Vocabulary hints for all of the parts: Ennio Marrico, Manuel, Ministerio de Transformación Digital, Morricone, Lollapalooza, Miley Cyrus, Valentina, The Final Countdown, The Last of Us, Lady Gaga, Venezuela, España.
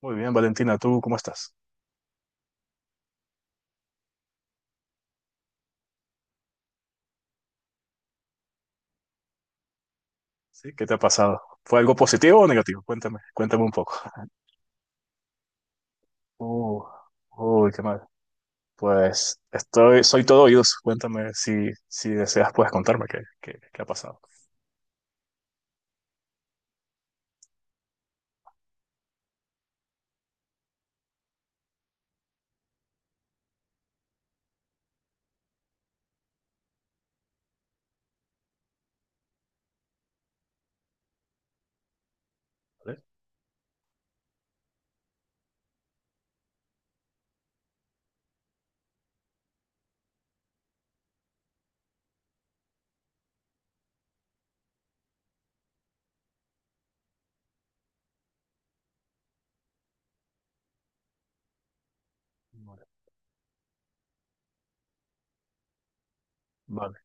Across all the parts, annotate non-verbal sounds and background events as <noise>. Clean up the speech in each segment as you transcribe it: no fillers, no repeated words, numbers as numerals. Muy bien, Valentina, ¿tú cómo estás? ¿Sí? ¿Qué te ha pasado? ¿Fue algo positivo o negativo? Cuéntame, cuéntame un poco. Uh, uy, qué mal. Pues soy todo oídos. Cuéntame si deseas, puedes contarme qué ha pasado. ¿Vale? Vale, vale,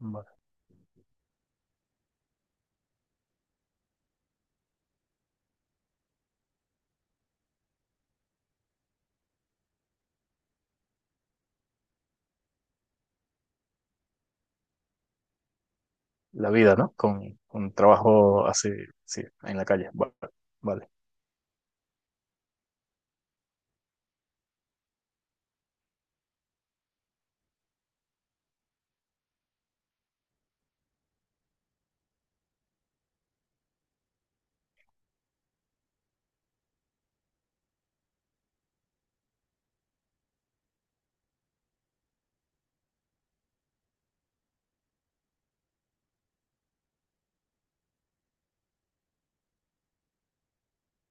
vale. La vida, ¿no? Con trabajo así, sí, en la calle. Vale, vale,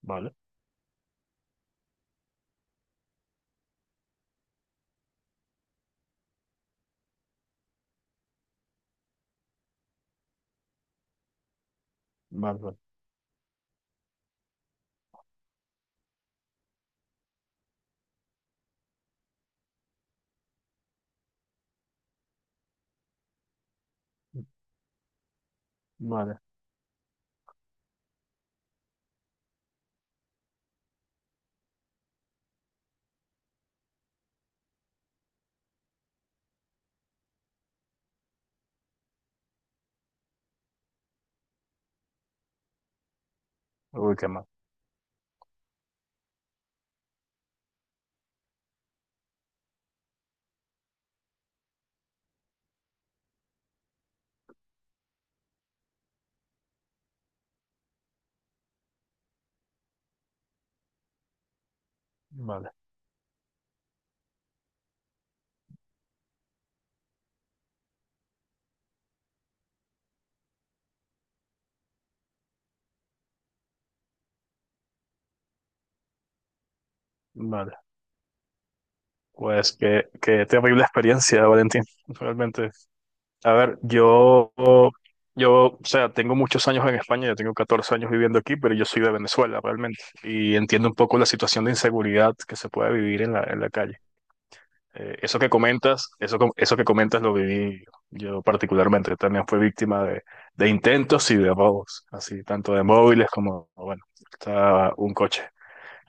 vale, vale, vale. Vale. Uy, qué mal. Vale, vale. Pues qué, qué, terrible experiencia, Valentín. <laughs> Realmente. A ver, yo, o sea, tengo muchos años en España, yo tengo 14 años viviendo aquí, pero yo soy de Venezuela realmente y entiendo un poco la situación de inseguridad que se puede vivir en la, calle. Eso que comentas, eso, com- eso que comentas lo viví yo, particularmente, también fui víctima de intentos y de robos, así, tanto de móviles como, bueno, estaba un coche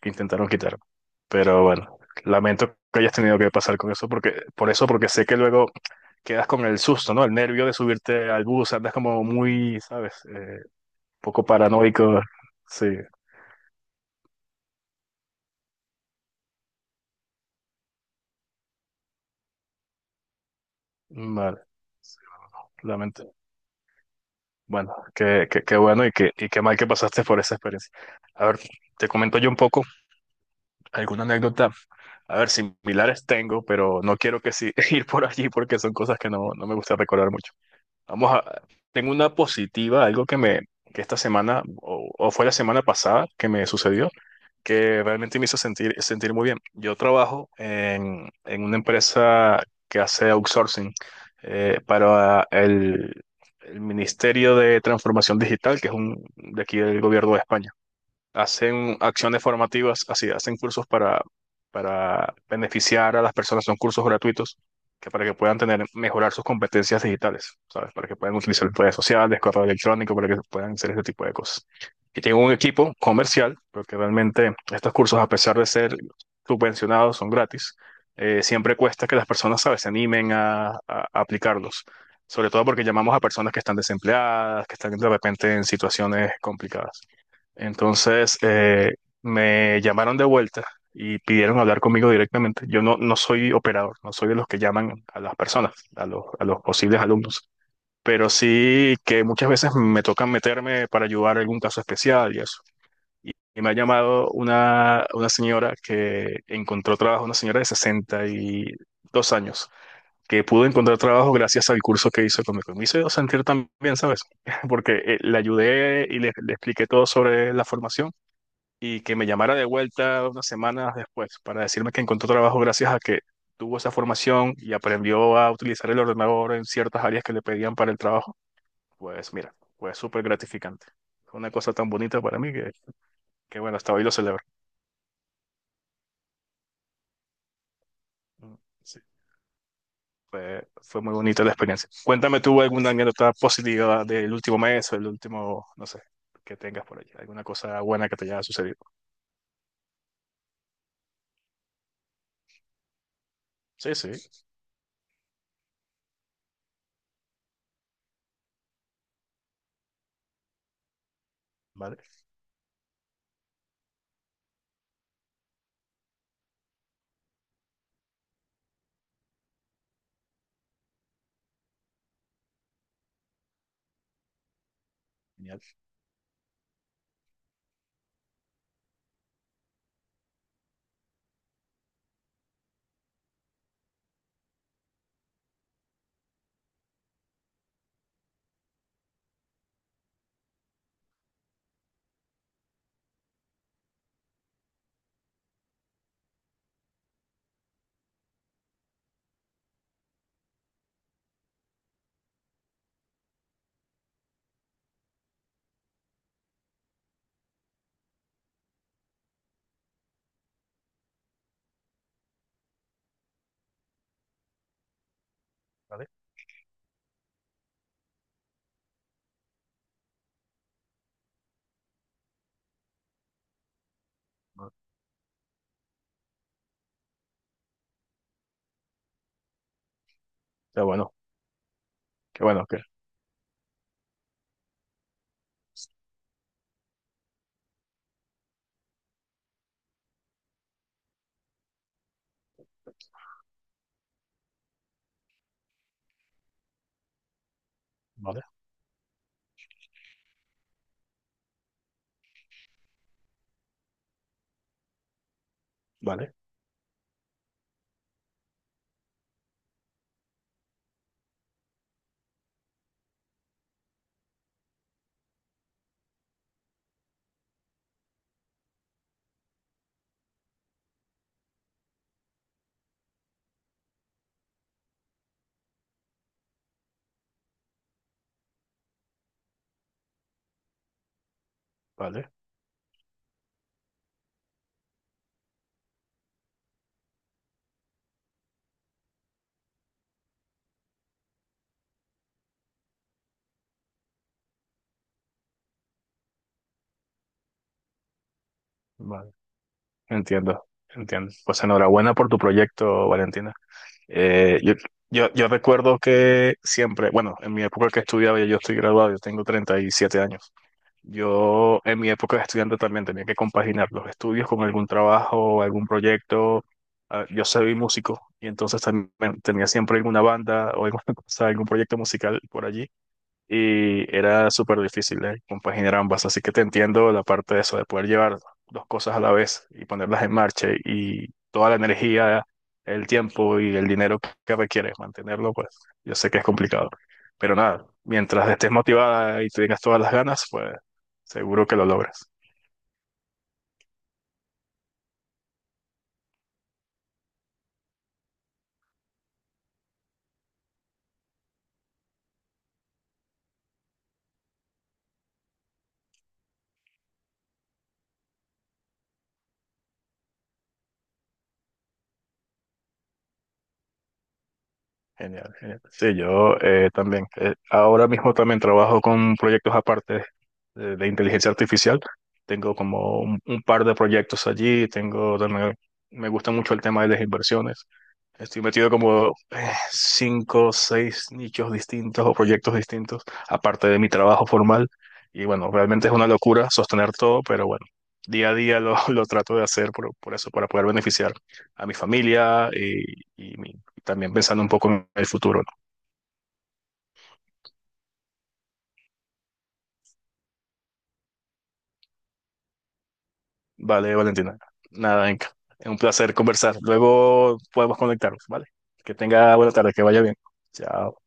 que intentaron quitarme. Pero bueno, lamento que hayas tenido que pasar con eso, porque, por eso, porque sé que luego quedas con el susto, ¿no? El nervio de subirte al bus, andas como muy, ¿sabes? Poco paranoico. Sí, vale. Sí, lamento. Bueno, qué bueno y qué mal que pasaste por esa experiencia. A ver, te comento yo un poco alguna anécdota. A ver, similares tengo, pero no quiero que sí, <laughs> ir por allí porque son cosas que no, no me gusta recordar mucho. Vamos a, tengo una positiva, algo que esta semana, o fue la semana pasada que me sucedió. Que realmente me hizo sentir muy bien. Yo trabajo en una empresa que hace outsourcing para el Ministerio de Transformación Digital, que es un de aquí del gobierno de España. Hacen acciones formativas, así, hacen cursos para beneficiar a las personas, son cursos gratuitos, que para que puedan tener, mejorar sus competencias digitales, ¿sabes? Para que puedan utilizar redes sociales, correo electrónico, para que puedan hacer este tipo de cosas. Y tengo un equipo comercial, porque realmente estos cursos, a pesar de ser subvencionados, son gratis. Eh, siempre cuesta que las personas, ¿sabes?, se animen a, a aplicarlos. Sobre todo porque llamamos a personas que están desempleadas, que están de repente en situaciones complicadas. Entonces me llamaron de vuelta y pidieron hablar conmigo directamente. Yo no soy operador, no soy de los que llaman a las personas, a los, posibles alumnos, pero sí que muchas veces me toca meterme para ayudar a algún caso especial y eso. Y me ha llamado una señora que encontró trabajo, una señora de 62 años, que pudo encontrar trabajo gracias al curso que hizo conmigo. Me hizo sentir también, ¿sabes? <laughs> Porque le ayudé y le expliqué todo sobre la formación y que me llamara de vuelta unas semanas después para decirme que encontró trabajo gracias a que tuvo esa formación y aprendió a utilizar el ordenador en ciertas áreas que le pedían para el trabajo, pues mira, fue súper gratificante. Fue una cosa tan bonita para mí que, hasta hoy lo celebro. Mm, sí, fue muy bonita la experiencia. Cuéntame tú alguna anécdota positiva del último mes o el último, no sé, que tengas por allí, alguna cosa buena que te haya sucedido. Sí, sí, vale, genial, vale. Vale. Qué bueno, qué bueno, que vale, vale, vale. Vale, entiendo, entiendo. Pues enhorabuena por tu proyecto, Valentina. Eh, yo, yo recuerdo que siempre, bueno, en mi época que estudiaba, yo estoy graduado, yo tengo 37 años. Yo en mi época de estudiante también tenía que compaginar los estudios con algún trabajo, algún proyecto. Ah, yo soy músico y entonces también tenía siempre alguna banda o alguna <laughs> cosa, algún proyecto musical por allí y era súper difícil de compaginar ambas, así que te entiendo la parte de eso, de poder llevar dos cosas a la vez y ponerlas en marcha y toda la energía, el tiempo y el dinero que requieres mantenerlo, pues yo sé que es complicado, pero nada, mientras estés motivada y tengas todas las ganas, pues seguro que lo logras. Genial, genial. Sí, yo también. Ahora mismo también trabajo con proyectos aparte de inteligencia artificial. Tengo como un par de proyectos allí, tengo también, me gusta mucho el tema de las inversiones. Estoy metido como cinco o seis nichos distintos o proyectos distintos, aparte de mi trabajo formal. Y bueno, realmente es una locura sostener todo, pero bueno, día a día lo, <laughs> lo trato de hacer por eso, para poder beneficiar a mi familia y también pensando un poco en el futuro. Vale, Valentina. Nada, Inca. Es un placer conversar. Luego podemos conectarnos, ¿vale? Que tenga buena tarde, que vaya bien. Chao.